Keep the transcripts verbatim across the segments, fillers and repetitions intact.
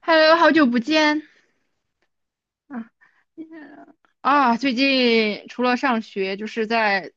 Hello，好久不见。啊啊，最近除了上学，就是在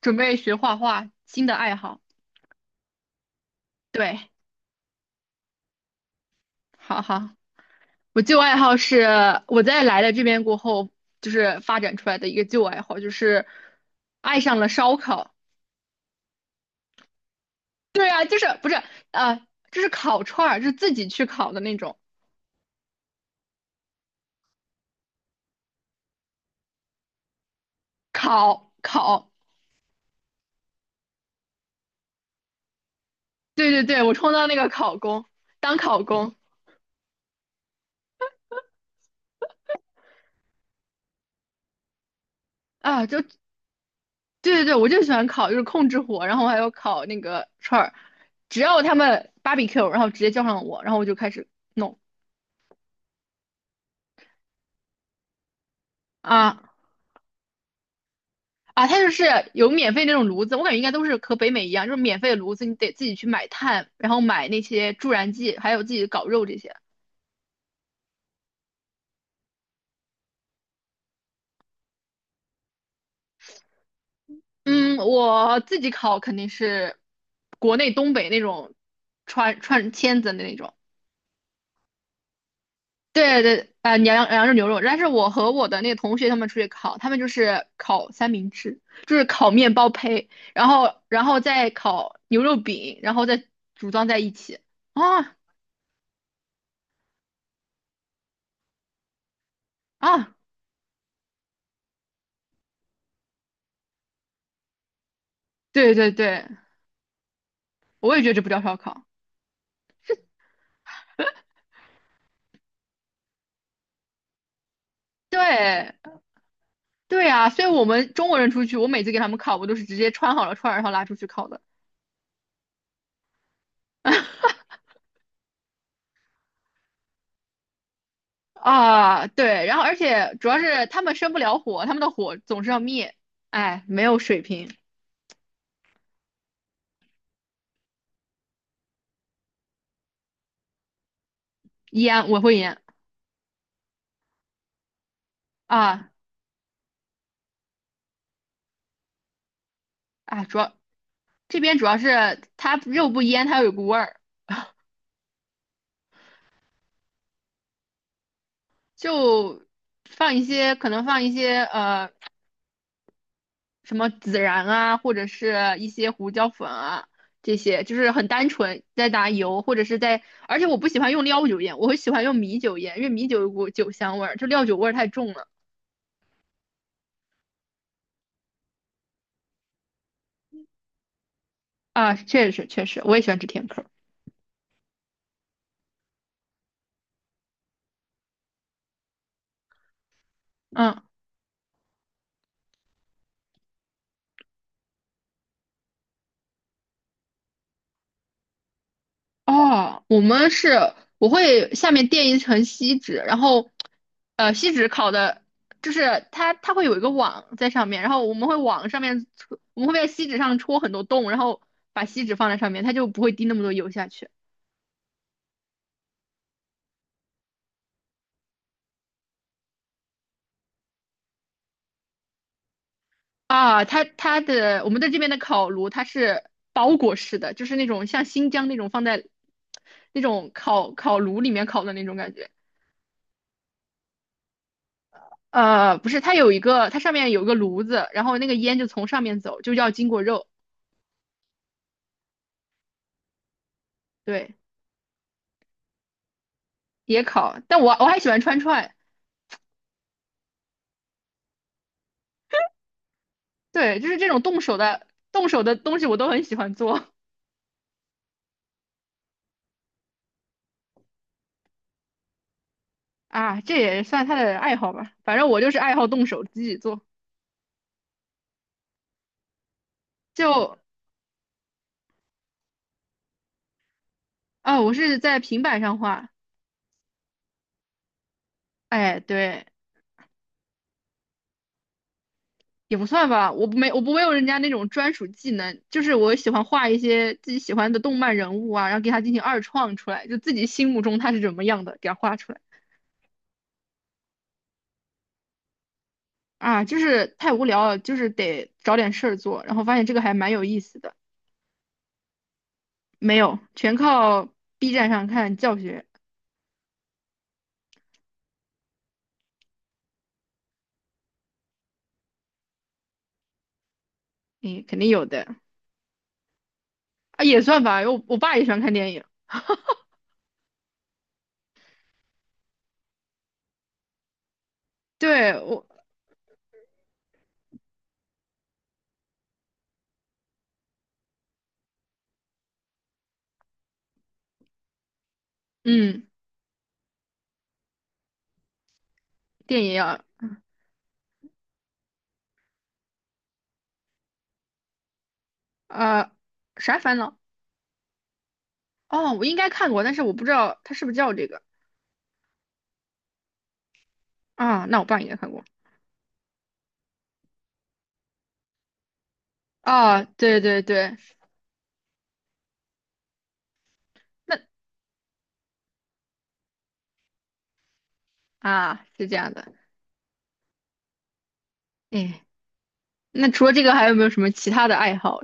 准备学画画，新的爱好。对，好好，我旧爱好是我在来了这边过后，就是发展出来的一个旧爱好，就是爱上了烧烤。对啊，就是不是啊，就是烤串儿，就是自己去烤的那种烤烤。对对对，我充当那个烤工，当烤工啊，就对对对，我就喜欢烤，就是控制火，然后还有烤那个串儿，只要他们 barbecue，然后直接叫上我，然后我就开始弄啊啊，它就是有免费那种炉子，我感觉应该都是和北美一样，就是免费的炉子，你得自己去买炭，然后买那些助燃剂，还有自己搞肉这些。嗯，我自己烤肯定是国内东北那种串串签子的那种，对对，啊、羊羊肉牛肉，但是我和我的那个同学他们出去烤，他们就是烤三明治，就是烤面包胚，然后然后再烤牛肉饼，然后再组装在一起。啊啊，对对对，我也觉得这不叫烧烤。对对啊，所以我们中国人出去，我每次给他们烤，我都是直接穿好了串儿，然后拉出去烤的。啊，对，然后而且主要是他们生不了火，他们的火总是要灭，哎，没有水平，烟我会烟啊啊，主要这边主要是它肉不腌，它有股味儿，就放一些可能放一些呃什么孜然啊，或者是一些胡椒粉啊，这些就是很单纯，在打油或者是在，而且我不喜欢用料酒腌，我会喜欢用米酒腌，因为米酒有股酒香味儿，就料酒味儿太重了啊，确实确实，我也喜欢吃甜口儿，嗯。哦，我们是我会下面垫一层锡纸，然后呃锡纸烤的，就是它它会有一个网在上面，然后我们会往上面戳我们会在锡纸上戳很多洞，然后把锡纸放在上面，它就不会滴那么多油下去啊。它它的我们的这边的烤炉它是包裹式的，就是那种像新疆那种放在那种烤烤炉里面烤的那种感觉。呃，不是，它有一个，它上面有一个炉子，然后那个烟就从上面走，就要经过肉。对。也烤，但我我还喜欢串串，对，就是这种动手的动手的东西我都很喜欢做啊，这也算他的爱好吧，反正我就是爱好动手自己做，就啊，我是在平板上画，哎，对，也不算吧，我不没我不会用人家那种专属技能，就是我喜欢画一些自己喜欢的动漫人物啊，然后给他进行二创出来，就自己心目中他是怎么样的，给他画出来啊，就是太无聊了，就是得找点事儿做，然后发现这个还蛮有意思的。没有，全靠 B 站上看教学，诶，肯定有的啊，也算吧。我我爸也喜欢看电影，对我，嗯，电影啊，呃，啥烦恼？哦，我应该看过，但是我不知道他是不是叫这个啊。那我爸应该看过啊，对对对，那啊是这样的，哎，那除了这个还有没有什么其他的爱好？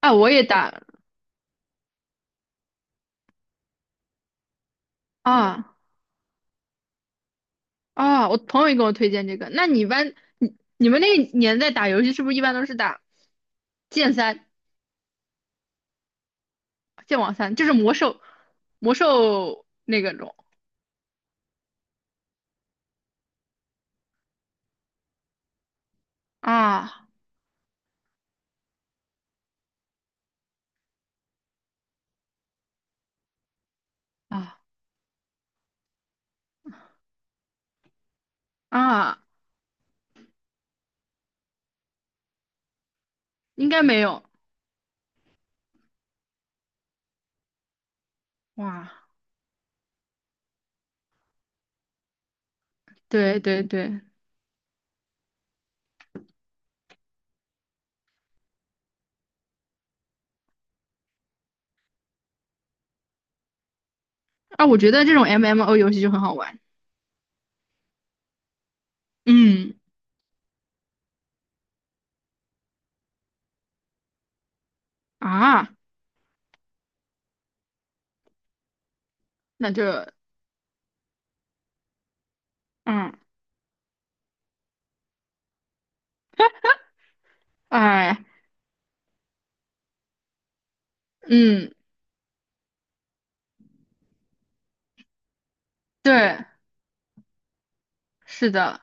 啊，我也打啊啊，我朋友也给我推荐这个。那你一般你你们那个年代打游戏是不是一般都是打剑三？剑网三就是魔兽，魔兽那个种啊啊啊，应该没有哇，对对对啊，我觉得这种 M M O 游戏就很好玩，嗯啊，那就嗯哎嗯对，是的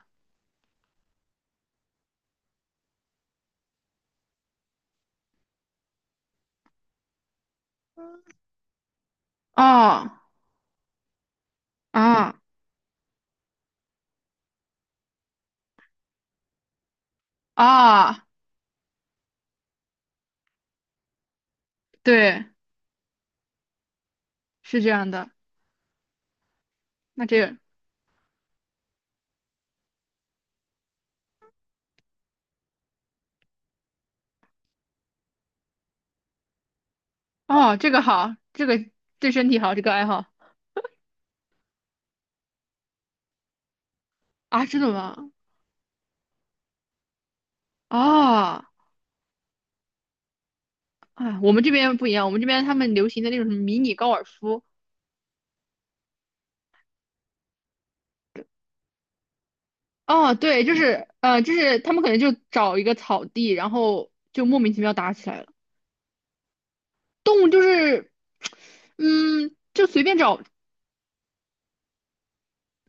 哦啊啊，对，是这样的，那这个哦这个好，这个对身体好，这个爱好啊，真的吗？啊。啊，我们这边不一样，我们这边他们流行的那种什么迷你高尔夫。哦，对，就是呃，就是他们可能就找一个草地，然后就莫名其妙打起来了。动物就是，嗯，就随便找，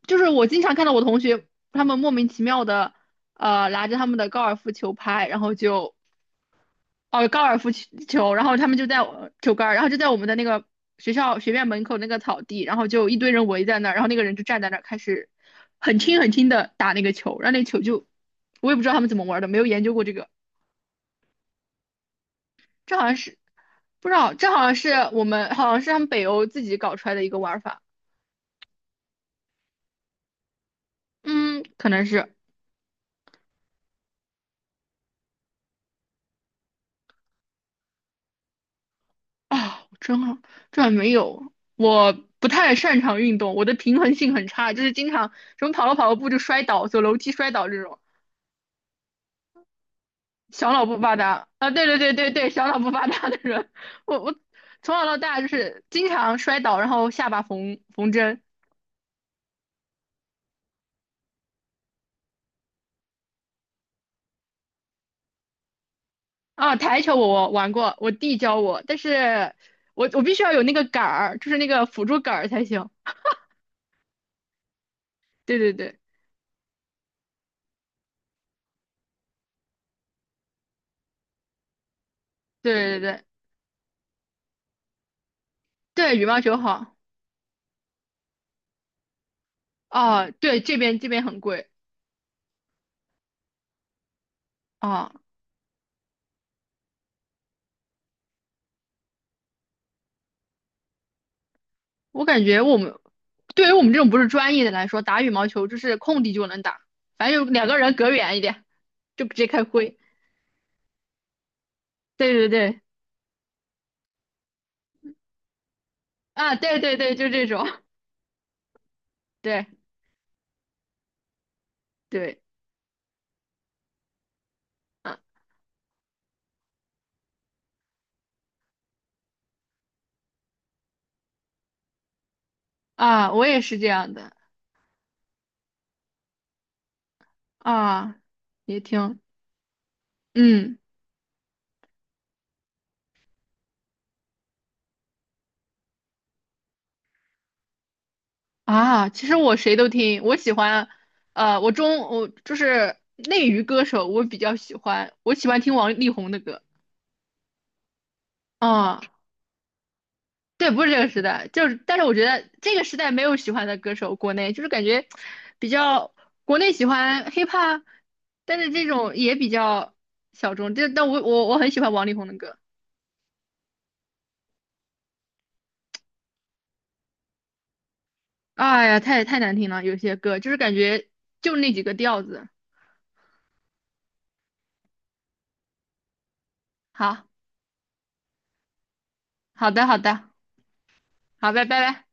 就是我经常看到我同学他们莫名其妙的，呃，拿着他们的高尔夫球拍，然后就哦，高尔夫球，然后他们就在我球杆儿然后就在我们的那个学校学院门口那个草地，然后就一堆人围在那儿，然后那个人就站在那儿开始很轻很轻的打那个球，然后那球就我也不知道他们怎么玩的，没有研究过这个，这好像是不知道，这好像是我们好像是他们北欧自己搞出来的一个玩法，嗯，可能是啊，我真好，这还没有，我不太擅长运动，我的平衡性很差，就是经常什么跑了跑了步就摔倒，走楼梯摔倒这种。小脑不发达啊，对对对对对，小脑不发达的人，我我从小到大就是经常摔倒，然后下巴缝缝针啊。台球我玩过，我弟教我，但是我我必须要有那个杆儿，就是那个辅助杆儿才行。对对对对对对对，羽毛球好啊，对这边这边很贵啊，我感觉我们对于我们这种不是专业的来说，打羽毛球就是空地就能打，反正有两个人隔远一点，就直接开挥。对对对。啊，对对对，就这种，对对，啊啊，我也是这样的啊，也听，嗯啊，其实我谁都听，我喜欢，呃，我中我就是内娱歌手，我比较喜欢，我喜欢听王力宏的歌，啊，对，不是这个时代，就是，但是我觉得这个时代没有喜欢的歌手，国内就是感觉比较，国内喜欢 hiphop,但是这种也比较小众，这但我我我很喜欢王力宏的歌。哎呀，太太难听了，有些歌就是感觉就那几个调子。好，好的，好的，好，拜拜。